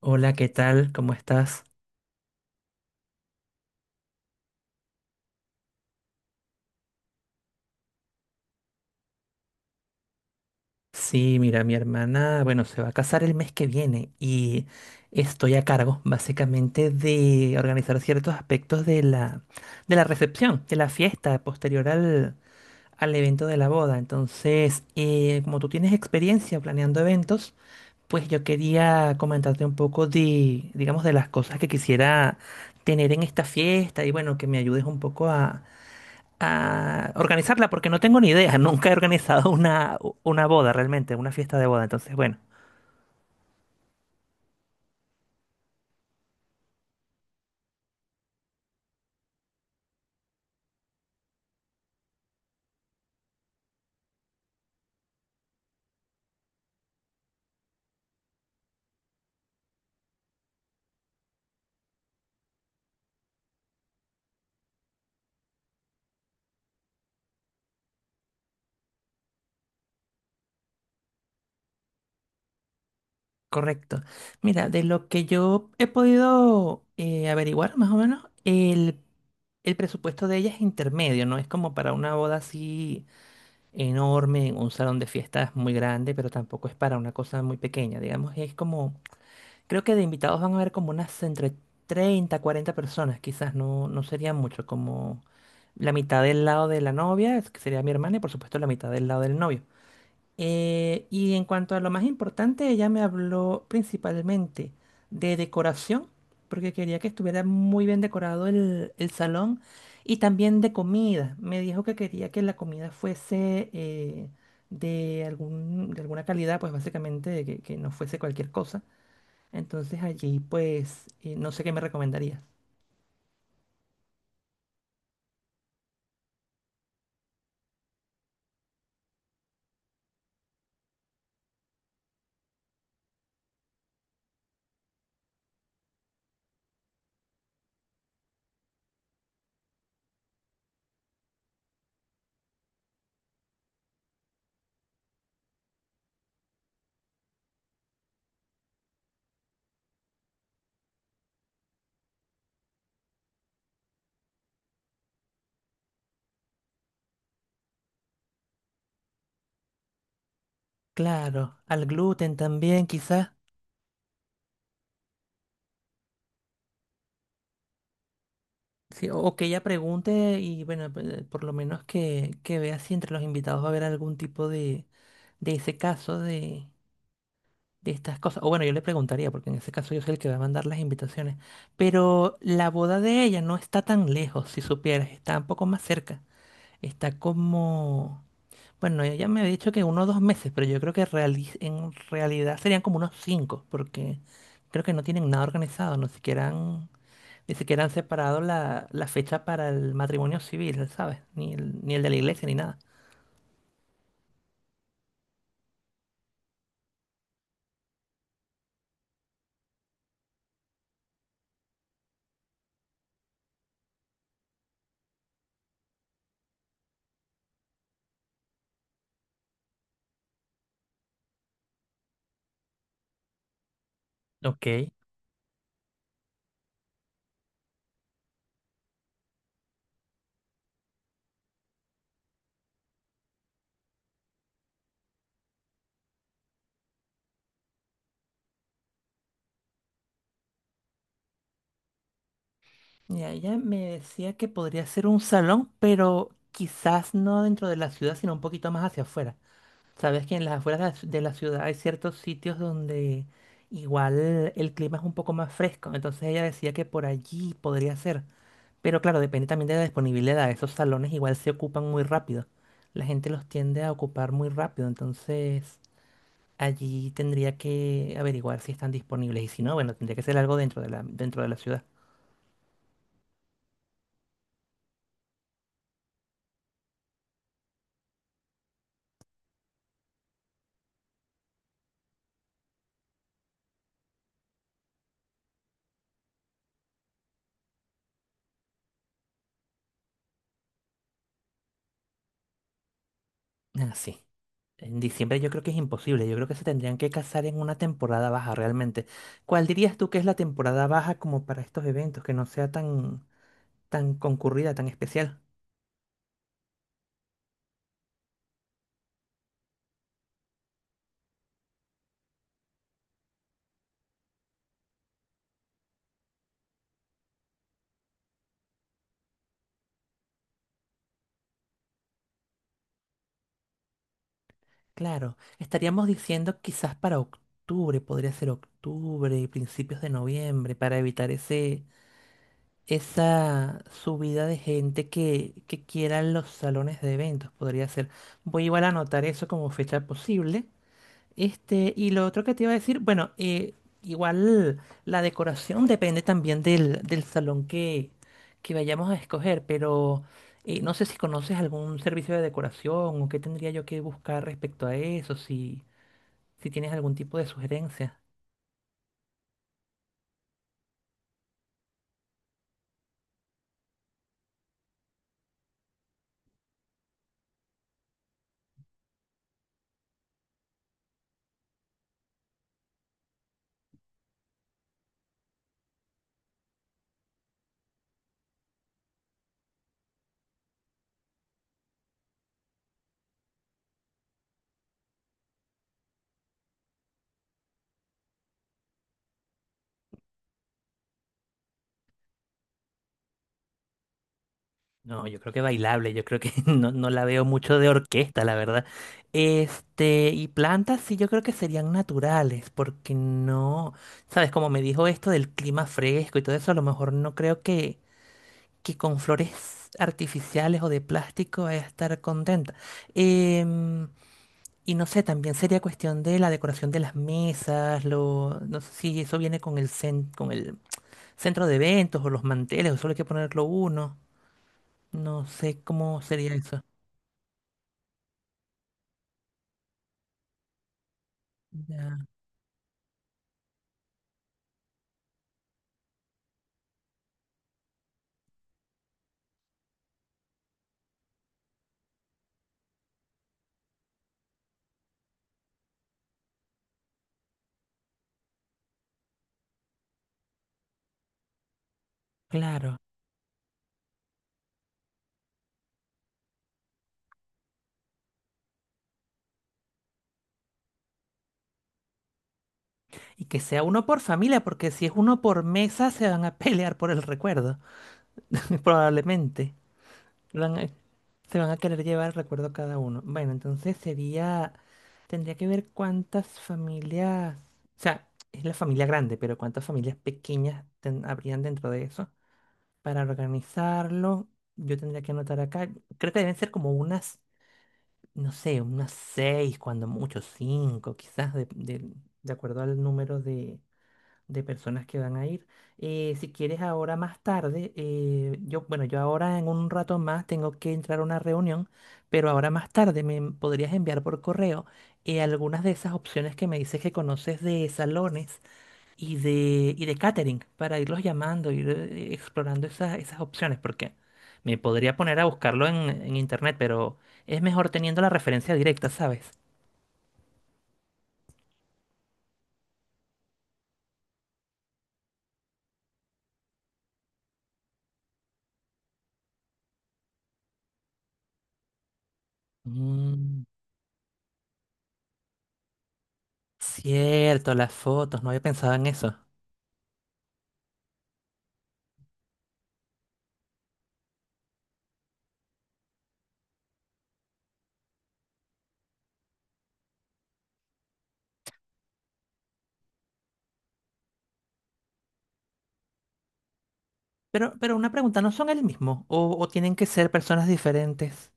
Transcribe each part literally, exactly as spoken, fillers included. Hola, ¿qué tal? ¿Cómo estás? Sí, mira, mi hermana, bueno, se va a casar el mes que viene y estoy a cargo básicamente de organizar ciertos aspectos de la, de la recepción, de la fiesta posterior al, al evento de la boda. Entonces, eh, como tú tienes experiencia planeando eventos, pues yo quería comentarte un poco de, digamos, de las cosas que quisiera tener en esta fiesta y bueno, que me ayudes un poco a organizarla porque no tengo ni idea. Nunca he organizado una, una boda realmente, una fiesta de boda. Entonces, bueno, correcto. Mira, de lo que yo he podido eh, averiguar más o menos, el, el presupuesto de ella es intermedio, no es como para una boda así enorme, un salón de fiestas muy grande, pero tampoco es para una cosa muy pequeña. Digamos, es como. Creo que de invitados van a haber como unas entre treinta, cuarenta personas, quizás no, no sería mucho, como la mitad del lado de la novia, es que sería mi hermana, y por supuesto la mitad del lado del novio. Eh, y en cuanto a lo más importante, ella me habló principalmente de decoración, porque quería que estuviera muy bien decorado el, el salón, y también de comida. Me dijo que quería que la comida fuese eh, de algún, de alguna calidad, pues básicamente de que que no fuese cualquier cosa, entonces allí pues eh, no sé qué me recomendarías. Claro, al gluten también quizás. Sí, o o que ella pregunte y bueno, pe- por lo menos que, que vea si entre los invitados va a haber algún tipo de, de ese caso de, de estas cosas. O bueno, yo le preguntaría, porque en ese caso yo soy el que va a mandar las invitaciones. Pero la boda de ella no está tan lejos, si supieras, está un poco más cerca. Está como... Bueno, ella me había dicho que uno o dos meses, pero yo creo que reali- en realidad serían como unos cinco, porque creo que no tienen nada organizado, no siquiera han, ni siquiera han separado la, la fecha para el matrimonio civil, ¿sabes? Ni el, ni el de la iglesia, ni nada. Ok. Y ella me decía que podría ser un salón, pero quizás no dentro de la ciudad, sino un poquito más hacia afuera. Sabes que en las afueras de la ci- de la ciudad hay ciertos sitios donde igual el clima es un poco más fresco. Entonces ella decía que por allí podría ser. Pero claro, depende también de la disponibilidad. Esos salones igual se ocupan muy rápido. La gente los tiende a ocupar muy rápido, entonces allí tendría que averiguar si están disponibles. Y si no, bueno, tendría que ser algo dentro de la, dentro de la ciudad. Ah, sí. En diciembre yo creo que es imposible. Yo creo que se tendrían que casar en una temporada baja realmente. ¿Cuál dirías tú que es la temporada baja como para estos eventos, que no sea tan, tan concurrida, tan especial? Claro, estaríamos diciendo quizás para octubre, podría ser octubre, principios de noviembre, para evitar ese, esa subida de gente que, que quiera los salones de eventos, podría ser. Voy igual a anotar eso como fecha posible. Este, y lo otro que te iba a decir, bueno, eh, igual la decoración depende también del, del salón que, que vayamos a escoger, pero eh, no sé si conoces algún servicio de decoración o qué tendría yo que buscar respecto a eso, si si tienes algún tipo de sugerencia. No, yo creo que bailable, yo creo que no, no la veo mucho de orquesta, la verdad. Este, y plantas sí yo creo que serían naturales, porque no, sabes, como me dijo esto del clima fresco y todo eso, a lo mejor no creo que, que con flores artificiales o de plástico vaya a estar contenta. Em, y no sé, también sería cuestión de la decoración de las mesas, lo, no sé si eso viene con el, cen- con el centro de eventos o los manteles, o solo hay que ponerlo uno. No sé cómo sería eso. Ya, claro. Y que sea uno por familia, porque si es uno por mesa, se van a pelear por el recuerdo. Probablemente. Van a- se van a querer llevar el recuerdo cada uno. Bueno, entonces sería. Tendría que ver cuántas familias. O sea, es la familia grande, pero cuántas familias pequeñas ten- habrían dentro de eso. Para organizarlo, yo tendría que anotar acá. Creo que deben ser como unas. No sé, unas seis, cuando mucho, cinco, quizás, de, de- de acuerdo al número de, de personas que van a ir. Eh, si quieres ahora más tarde, eh, yo, bueno, yo ahora en un rato más tengo que entrar a una reunión, pero ahora más tarde me podrías enviar por correo eh, algunas de esas opciones que me dices que conoces de salones y de, y de catering para irlos llamando, ir eh, explorando esas, esas opciones, porque me podría poner a buscarlo en, en internet, pero es mejor teniendo la referencia directa, ¿sabes? Mm, cierto, las fotos, no había pensado en eso. Pero, pero una pregunta, ¿no son el mismo? ¿O, o tienen que ser personas diferentes?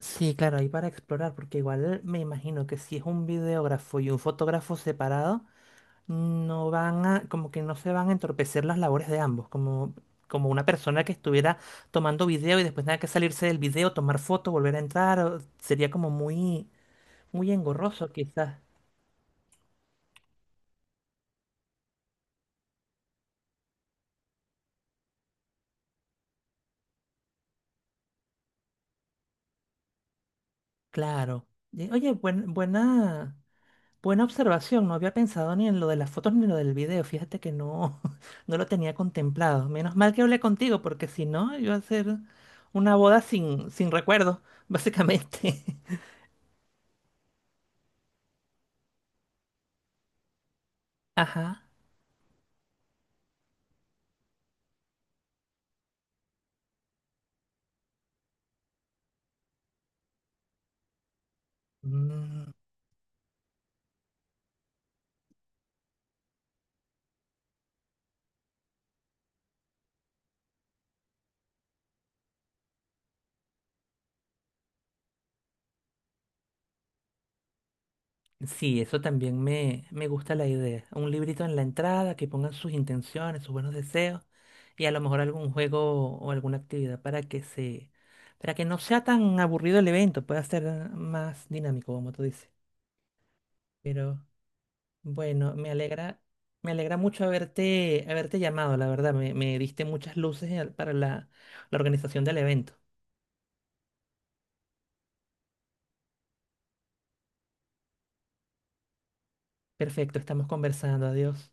Sí, claro, ahí para explorar, porque igual me imagino que si es un videógrafo y un fotógrafo separado no van a, como que no se van a entorpecer las labores de ambos, como, como una persona que estuviera tomando video y después tenga que salirse del video, tomar foto, volver a entrar, o- sería como muy, muy engorroso quizás. Claro. Y- Oye, buen- buena, buena observación, no había pensado ni en lo de las fotos ni en lo del video, fíjate que no, no lo tenía contemplado. Menos mal que hablé contigo, porque si no, iba a ser una boda sin, sin recuerdos, básicamente. Ajá. Sí, eso también me, me gusta la idea. Un librito en la entrada que pongan sus intenciones, sus buenos deseos y a lo mejor algún juego o alguna actividad para que se, para que no sea tan aburrido el evento, pueda ser eh, más dinámico, como tú dices. Pero bueno, me alegra, me alegra mucho haberte, haberte llamado, la verdad. Me, me diste muchas luces eh, para la, la organización del evento. Perfecto, estamos conversando. Adiós.